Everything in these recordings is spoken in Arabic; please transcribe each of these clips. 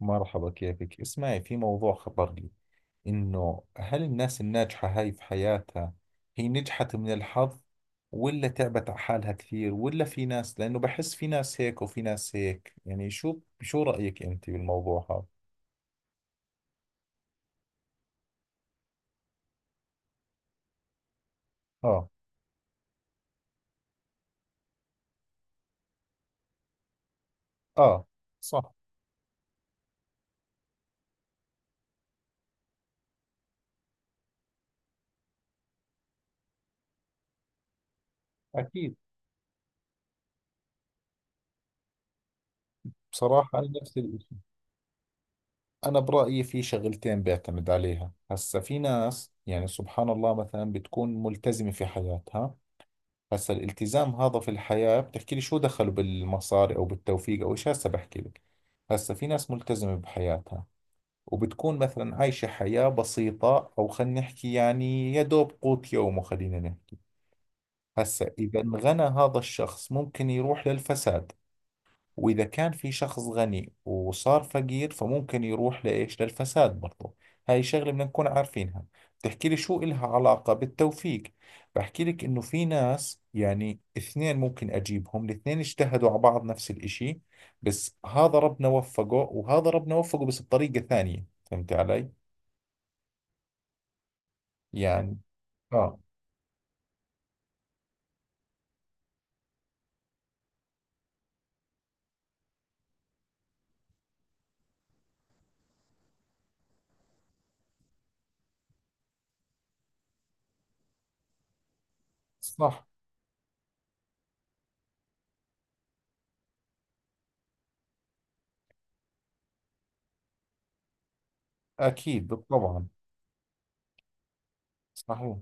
مرحبا، كيفك. اسمعي، في موضوع خطر لي، إنه هل الناس الناجحة هاي في حياتها هي نجحت من الحظ ولا تعبت على حالها كثير، ولا في ناس؟ لأنه بحس في ناس هيك وفي ناس هيك. يعني شو رأيك أنت بالموضوع هذا؟ آه آه. صح. أكيد. بصراحة أنا نفس الشيء. أنا برأيي في شغلتين بعتمد عليها. هسا في ناس، يعني سبحان الله، مثلا بتكون ملتزمة في حياتها. هسا الالتزام هذا في الحياة، بتحكي لي شو دخله بالمصاري أو بالتوفيق أو إيش؟ هسا بحكي لك، هسا في ناس ملتزمة بحياتها، وبتكون مثلا عايشة حياة بسيطة، أو خلينا نحكي يعني يا دوب قوت يومه خلينا نحكي. هسا إذا انغنى هذا الشخص ممكن يروح للفساد، وإذا كان في شخص غني وصار فقير فممكن يروح لإيش؟ للفساد برضو. هاي شغلة بدنا نكون عارفينها. بتحكي لي شو إلها علاقة بالتوفيق؟ بحكي لك إنه في ناس، يعني اثنين ممكن أجيبهم الاثنين اجتهدوا على بعض نفس الإشي، بس هذا ربنا وفقه وهذا ربنا وفقه بس بطريقة ثانية. فهمت علي؟ يعني. آه. صح. أكيد طبعا. صحيح.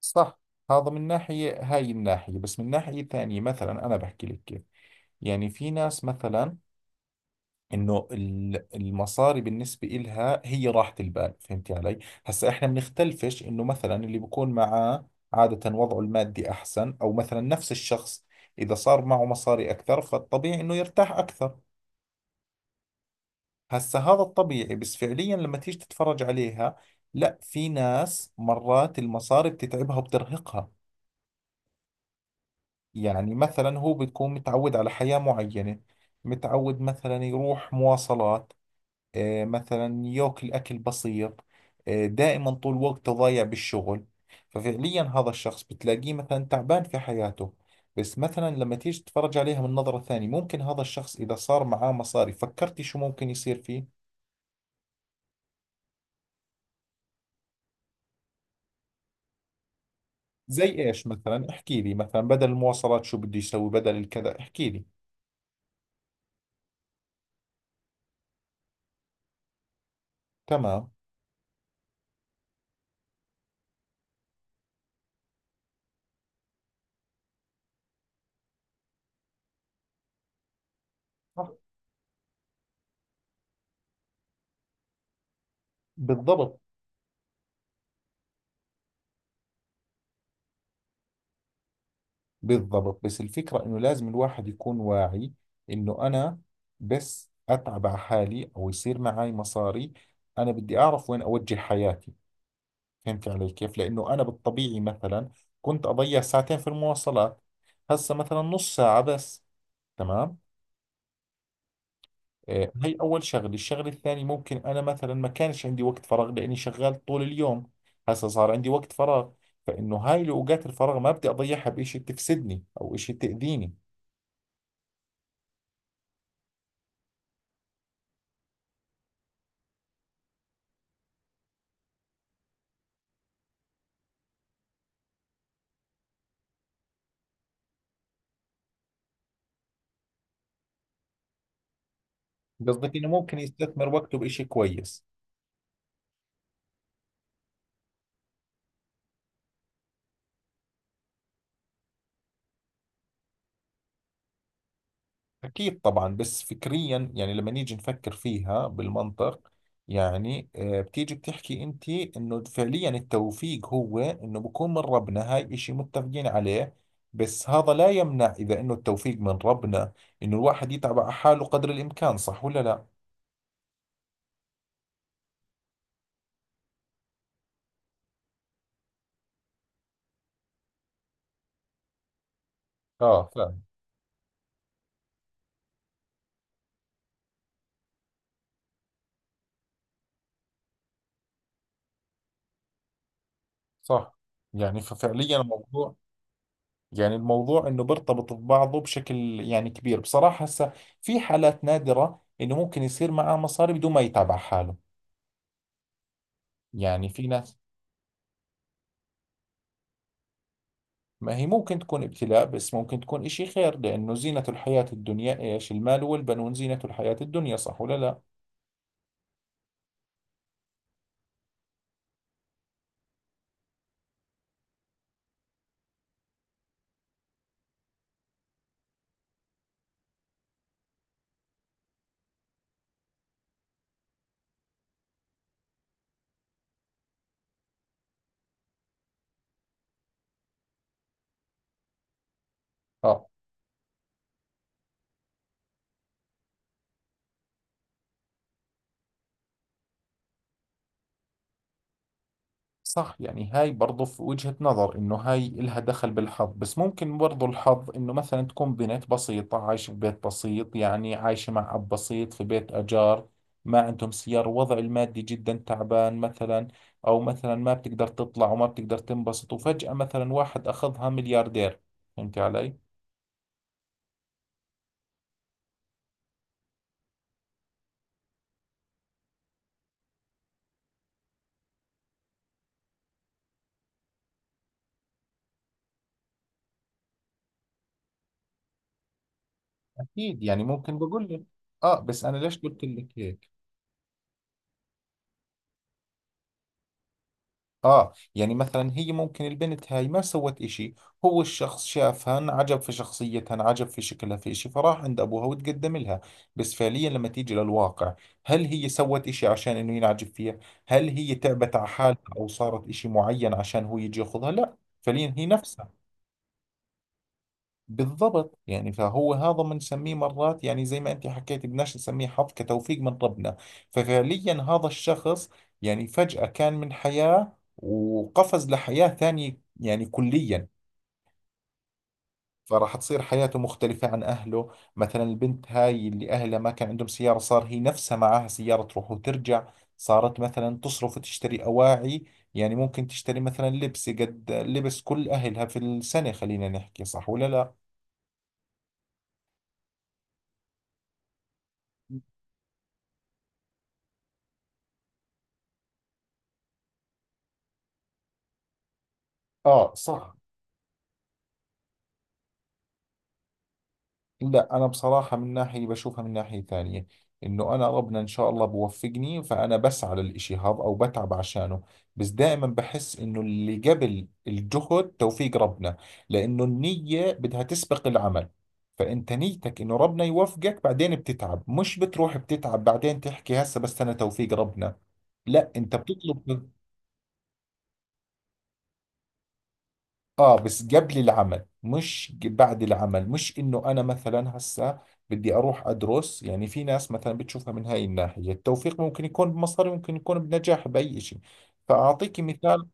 صح. هذا من ناحية هاي الناحية، بس من ناحية ثانية مثلا أنا بحكي لك كيف. يعني في ناس مثلا إنه المصاري بالنسبة إلها هي راحة البال، فهمتي علي؟ هسا إحنا بنختلفش إنه مثلا اللي بكون معاه عادة وضعه المادي أحسن، أو مثلا نفس الشخص إذا صار معه مصاري أكثر فالطبيعي إنه يرتاح أكثر. هسا هذا الطبيعي، بس فعليا لما تيجي تتفرج عليها، لا، في ناس مرات المصاري بتتعبها وبترهقها. يعني مثلا هو بتكون متعود على حياة معينة، متعود مثلا يروح مواصلات، آه، مثلا ياكل أكل بسيط، آه، دائما طول وقته ضايع بالشغل. ففعليا هذا الشخص بتلاقيه مثلا تعبان في حياته. بس مثلا لما تيجي تتفرج عليها من نظرة ثانية، ممكن هذا الشخص إذا صار معاه مصاري، فكرتي شو ممكن يصير فيه؟ زي إيش مثلا، احكي لي، مثلا بدل المواصلات شو بده يسوي، بدل الكذا، احكي لي. تمام. صح. بالضبط. بالضبط، بس الفكرة إنه لازم الواحد يكون واعي، إنه أنا بس أتعب على حالي أو يصير معي مصاري، أنا بدي أعرف وين أوجه حياتي. فهمت علي كيف؟ لأنه أنا بالطبيعي مثلا كنت أضيع ساعتين في المواصلات، هسه مثلا نص ساعة بس، تمام؟ آه، هي أول شغلة. الشغلة الثانية، ممكن أنا مثلا ما كانش عندي وقت فراغ لأني شغال طول اليوم، هسه صار عندي وقت فراغ. فإنه هاي الأوقات الفراغ ما بدي أضيعها بإشي تفسدني أو إشي تأذيني. قصدك انه ممكن يستثمر وقته بإشي كويس. اكيد طبعا. بس فكريا يعني لما نيجي نفكر فيها بالمنطق، يعني آه، بتيجي بتحكي انت انه فعليا التوفيق هو انه بكون من ربنا، هاي إشي متفقين عليه. بس هذا لا يمنع، اذا انه التوفيق من ربنا، انه الواحد يتعب على حاله قدر الامكان، صح ولا لا؟ اه، فاهم. صح. يعني ففعليا الموضوع، يعني الموضوع انه بيرتبط ببعضه بشكل يعني كبير بصراحة. هسه في حالات نادرة انه ممكن يصير معاه مصاري بدون ما يتعب على حاله، يعني في ناس. ما هي ممكن تكون ابتلاء، بس ممكن تكون اشي خير، لانه زينة الحياة الدنيا ايش؟ المال والبنون زينة الحياة الدنيا، صح ولا لا؟ اه. صح. يعني هاي برضو في وجهة نظر انه هاي إلها دخل بالحظ، بس ممكن برضو الحظ انه مثلا تكون بنت بسيطة عايشة ببيت بسيط، يعني عايشة مع اب بسيط في بيت اجار، ما عندهم سيارة، وضع المادي جدا تعبان مثلا، او مثلا ما بتقدر تطلع وما بتقدر تنبسط، وفجأة مثلا واحد اخذها ملياردير. فهمت علي؟ اكيد. يعني ممكن بقول لك اه، بس انا ليش قلت لك هيك؟ آه يعني مثلا هي ممكن البنت هاي ما سوت إشي، هو الشخص شافها انعجب في شخصيتها، انعجب في شكلها، في إشي، فراح عند أبوها وتقدم لها. بس فعليا لما تيجي للواقع، هل هي سوت إشي عشان إنه ينعجب فيها؟ هل هي تعبت على حالها أو صارت إشي معين عشان هو يجي ياخذها؟ لا. فعليا هي نفسها. بالضبط. يعني فهو هذا بنسميه مرات، يعني زي ما انت حكيت، بدناش نسميه حظ كتوفيق من ربنا. ففعليا هذا الشخص يعني فجأة كان من حياة وقفز لحياة ثانية يعني كليا. فراح تصير حياته مختلفة عن أهله. مثلا البنت هاي اللي أهلها ما كان عندهم سيارة، صار هي نفسها معاها سيارة تروح وترجع، صارت مثلا تصرف وتشتري أواعي. يعني ممكن تشتري مثلا لبس قد لبس كل أهلها في السنة، خلينا نحكي، صح ولا لا؟ آه. صح. لا، أنا بصراحة من ناحية بشوفها من ناحية ثانية، إنه أنا ربنا إن شاء الله بوفقني، فأنا بسعى للإشي هذا أو بتعب عشانه، بس دائما بحس إنه اللي قبل الجهد توفيق ربنا، لأنه النية بدها تسبق العمل. فأنت نيتك إنه ربنا يوفقك، بعدين بتتعب، مش بتروح بتتعب بعدين تحكي هسه بس أنا توفيق ربنا، لا، أنت بتطلب. اه، بس قبل العمل، مش بعد العمل. مش انه انا مثلا هسه بدي اروح ادرس. يعني في ناس مثلا بتشوفها من هاي الناحية، التوفيق ممكن يكون بمصاري، ممكن يكون بنجاح، باي شيء. فاعطيكي مثال.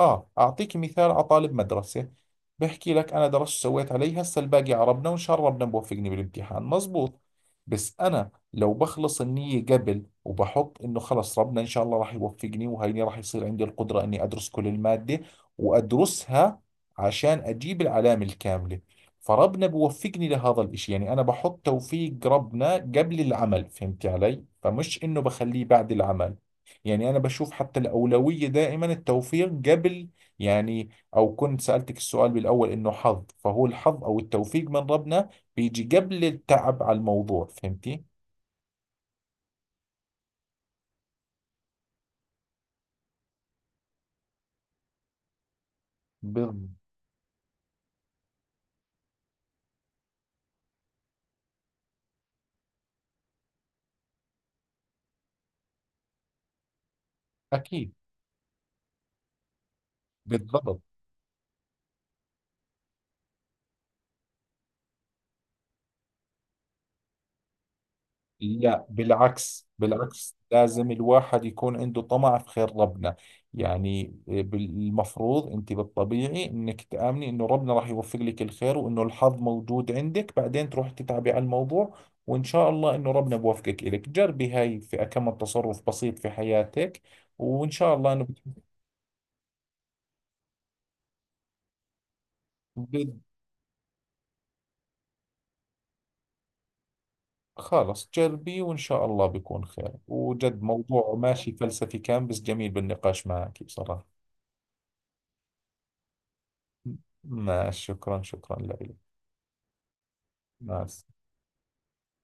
آه، أعطيك مثال على طالب مدرسة. بحكي لك أنا درست سويت علي، هسا الباقي عربنا، وإن شاء الله ربنا بوفقني بالامتحان، مزبوط. بس أنا لو بخلص النية قبل، وبحط إنه خلص ربنا إن شاء الله راح يوفقني، وهيني راح يصير عندي القدرة إني أدرس كل المادة وأدرسها عشان أجيب العلامة الكاملة، فربنا بوفقني لهذا الإشي. يعني أنا بحط توفيق ربنا قبل العمل، فهمت علي؟ فمش إنه بخليه بعد العمل. يعني انا بشوف حتى الاولويه دائما التوفيق قبل. يعني او كنت سالتك السؤال بالاول انه حظ، فهو الحظ او التوفيق من ربنا بيجي قبل التعب على الموضوع، فهمتي؟ بال- اكيد. بالضبط. لا بالعكس، بالعكس، لازم الواحد يكون عنده طمع في خير ربنا. يعني آه، بالمفروض انت بالطبيعي انك تآمني انه ربنا راح يوفق لك الخير، وانه الحظ موجود عندك، بعدين تروح تتعبي على الموضوع، وان شاء الله انه ربنا بوفقك إلك. جربي هاي في كم تصرف بسيط في حياتك، وان شاء الله انه ب- خلص جربي، وان شاء الله بيكون خير. وجد موضوع ماشي، فلسفي كان بس جميل بالنقاش معك بصراحة. ماشي. شكرا، شكرا لك. مع السلامة.